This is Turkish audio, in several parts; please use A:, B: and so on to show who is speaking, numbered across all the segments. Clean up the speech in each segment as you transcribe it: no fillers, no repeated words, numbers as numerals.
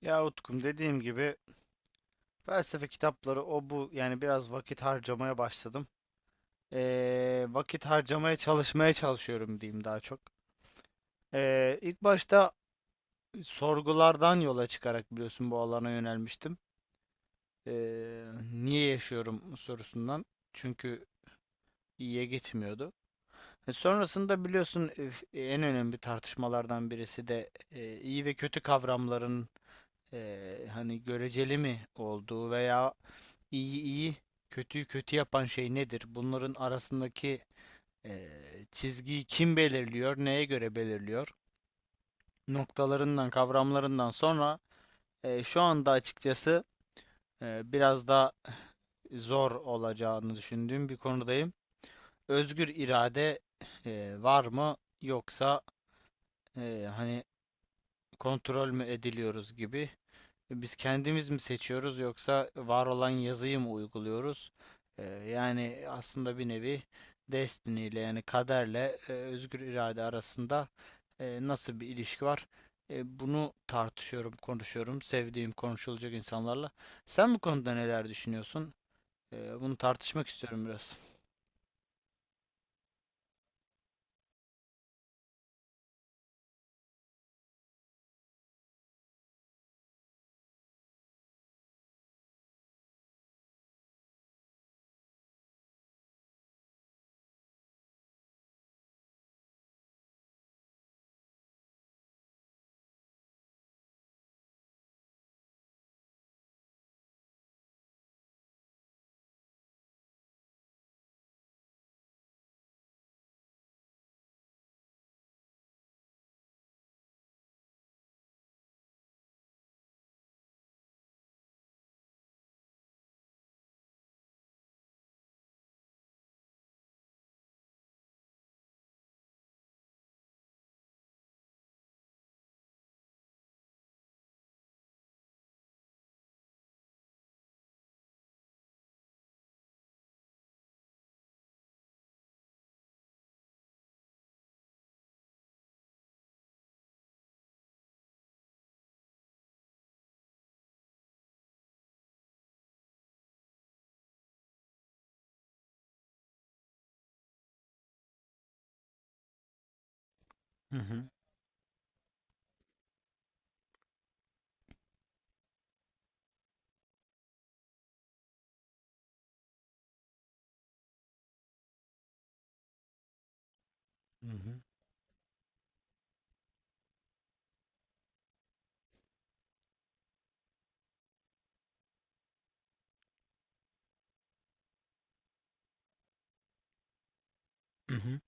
A: Ya Utkum, dediğim gibi felsefe kitapları, o bu, yani biraz vakit harcamaya başladım. Vakit harcamaya çalışmaya çalışıyorum diyeyim daha çok. İlk başta sorgulardan yola çıkarak biliyorsun bu alana yönelmiştim. Ee, niye yaşıyorum sorusundan. Çünkü iyiye gitmiyordu. Sonrasında biliyorsun, en önemli tartışmalardan birisi de, iyi ve kötü kavramların, hani göreceli mi olduğu veya İyi iyi, kötüyü kötü yapan şey nedir? Bunların arasındaki çizgiyi kim belirliyor? Neye göre belirliyor? Noktalarından, kavramlarından sonra şu anda açıkçası biraz daha zor olacağını düşündüğüm bir konudayım. Özgür irade var mı, yoksa hani kontrol mü ediliyoruz gibi. Biz kendimiz mi seçiyoruz, yoksa var olan yazıyı mı uyguluyoruz? Yani aslında bir nevi destiny ile, yani kaderle, özgür irade arasında nasıl bir ilişki var? Bunu tartışıyorum, konuşuyorum. Sevdiğim, konuşulacak insanlarla. Sen bu konuda neler düşünüyorsun? Bunu tartışmak istiyorum biraz. Hı hı. Hı hı. Hı hı.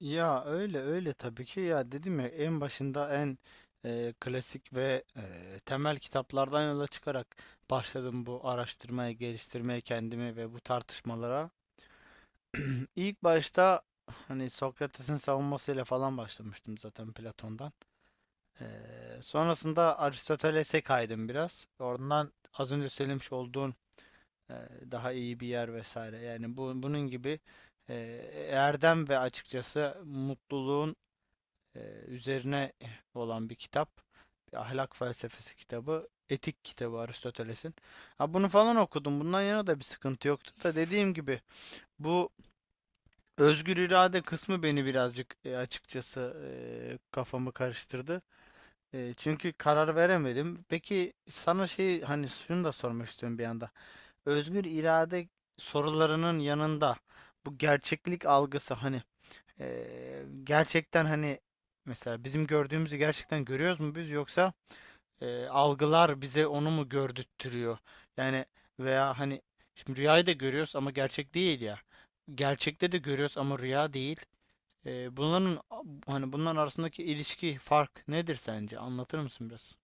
A: Ya, öyle öyle, tabii ki. Ya, dedim ya, en başında en klasik ve temel kitaplardan yola çıkarak başladım bu araştırmaya, geliştirmeye kendimi ve bu tartışmalara. İlk başta hani Sokrates'in savunmasıyla falan başlamıştım zaten, Platon'dan. E, sonrasında Aristoteles'e kaydım biraz. Oradan az önce söylemiş olduğun e, daha iyi bir yer vesaire. Yani bu, bunun gibi e, erdem ve açıkçası mutluluğun e, üzerine olan bir kitap. Bir ahlak felsefesi kitabı. Etik kitabı, Aristoteles'in. Ha, bunu falan okudum. Bundan yana da bir sıkıntı yoktu da, dediğim gibi bu özgür irade kısmı beni birazcık açıkçası e, kafamı karıştırdı. Çünkü karar veremedim. Peki sana şey, hani şunu da sormak istiyorum bir anda. Özgür irade sorularının yanında bu gerçeklik algısı, hani gerçekten hani mesela bizim gördüğümüzü gerçekten görüyoruz mu biz, yoksa algılar bize onu mu gördürtüyor? Yani, veya hani şimdi rüyayı da görüyoruz ama gerçek değil ya. Gerçekte de görüyoruz ama rüya değil. Bunların hani, bunların arasındaki ilişki, fark nedir sence? Anlatır mısın biraz?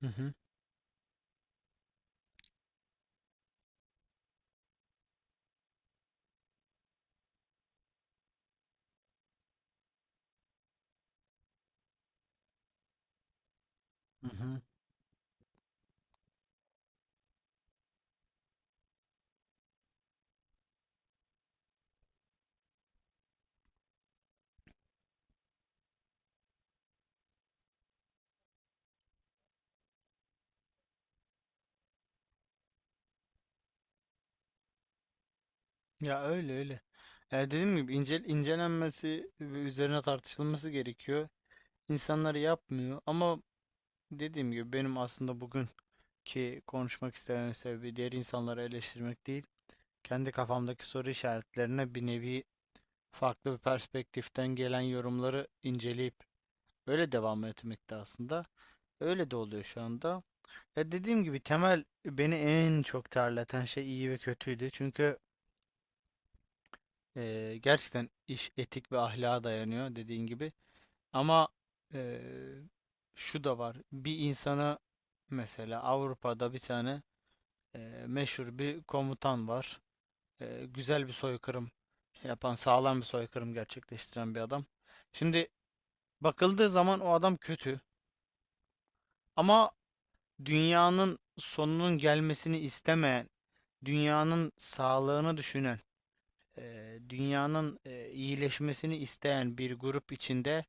A: Hı hı. Hı hı. Ya, öyle öyle. Dediğim gibi incelenmesi ve üzerine tartışılması gerekiyor. İnsanlar yapmıyor ama dediğim gibi benim aslında bugün ki konuşmak istememin sebebi diğer insanları eleştirmek değil, kendi kafamdaki soru işaretlerine bir nevi farklı bir perspektiften gelen yorumları inceleyip öyle devam etmekte aslında. Öyle de oluyor şu anda. Dediğim gibi, temel beni en çok terleten şey iyi ve kötüydü. Çünkü gerçekten iş etik ve ahlaka dayanıyor, dediğin gibi. Ama e, şu da var. Bir insana, mesela Avrupa'da bir tane e, meşhur bir komutan var. Güzel bir soykırım yapan, sağlam bir soykırım gerçekleştiren bir adam. Şimdi bakıldığı zaman o adam kötü, ama dünyanın sonunun gelmesini istemeyen, dünyanın sağlığını düşünen, dünyanın iyileşmesini isteyen bir grup içinde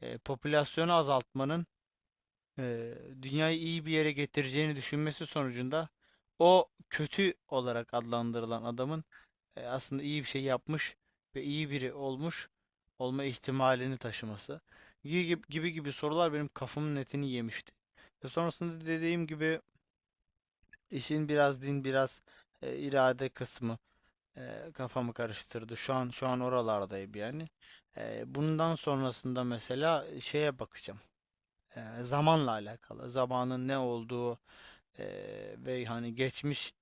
A: popülasyonu azaltmanın e, dünyayı iyi bir yere getireceğini düşünmesi sonucunda, o kötü olarak adlandırılan adamın aslında iyi bir şey yapmış ve iyi biri olmuş olma ihtimalini taşıması gibi gibi, gibi sorular benim kafamın netini yemişti. Ve sonrasında, dediğim gibi, işin biraz din, biraz irade kısmı kafamı karıştırdı. Şu an, şu an oralardayım yani. Bundan sonrasında mesela şeye bakacağım. Zamanla alakalı, zamanın ne olduğu, e, ve hani geçmiş.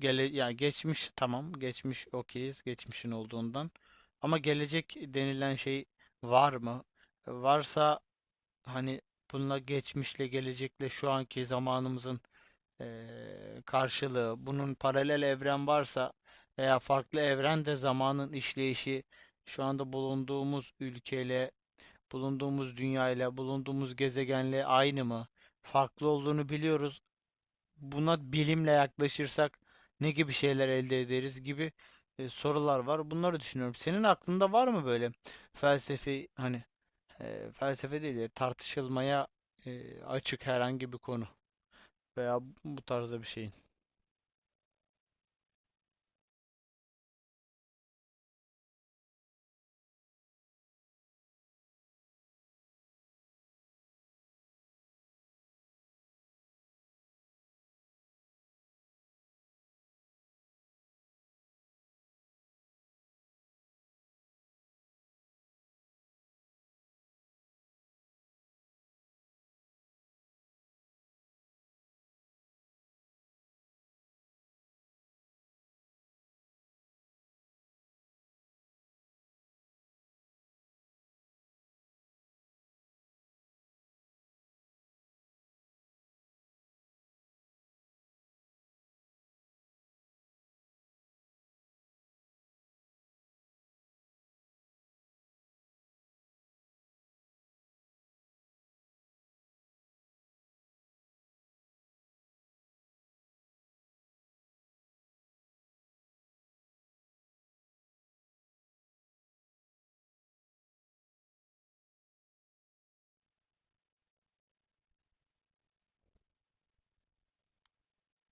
A: Gele ya Geçmiş tamam, geçmiş okeyiz, geçmişin olduğundan, ama gelecek denilen şey var mı? Varsa, hani bununla, geçmişle, gelecekle şu anki zamanımızın karşılığı, bunun paralel evren varsa veya farklı evrende zamanın işleyişi şu anda bulunduğumuz ülkeyle, bulunduğumuz dünyayla, bulunduğumuz gezegenle aynı mı? Farklı olduğunu biliyoruz, buna bilimle yaklaşırsak ne gibi şeyler elde ederiz gibi sorular var. Bunları düşünüyorum. Senin aklında var mı böyle felsefi, hani felsefe değil de tartışılmaya açık herhangi bir konu veya bu tarzda bir şeyin?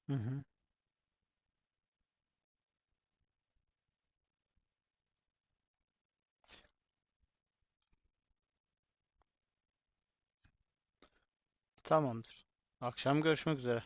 A: Hı hı. Tamamdır. Akşam görüşmek üzere.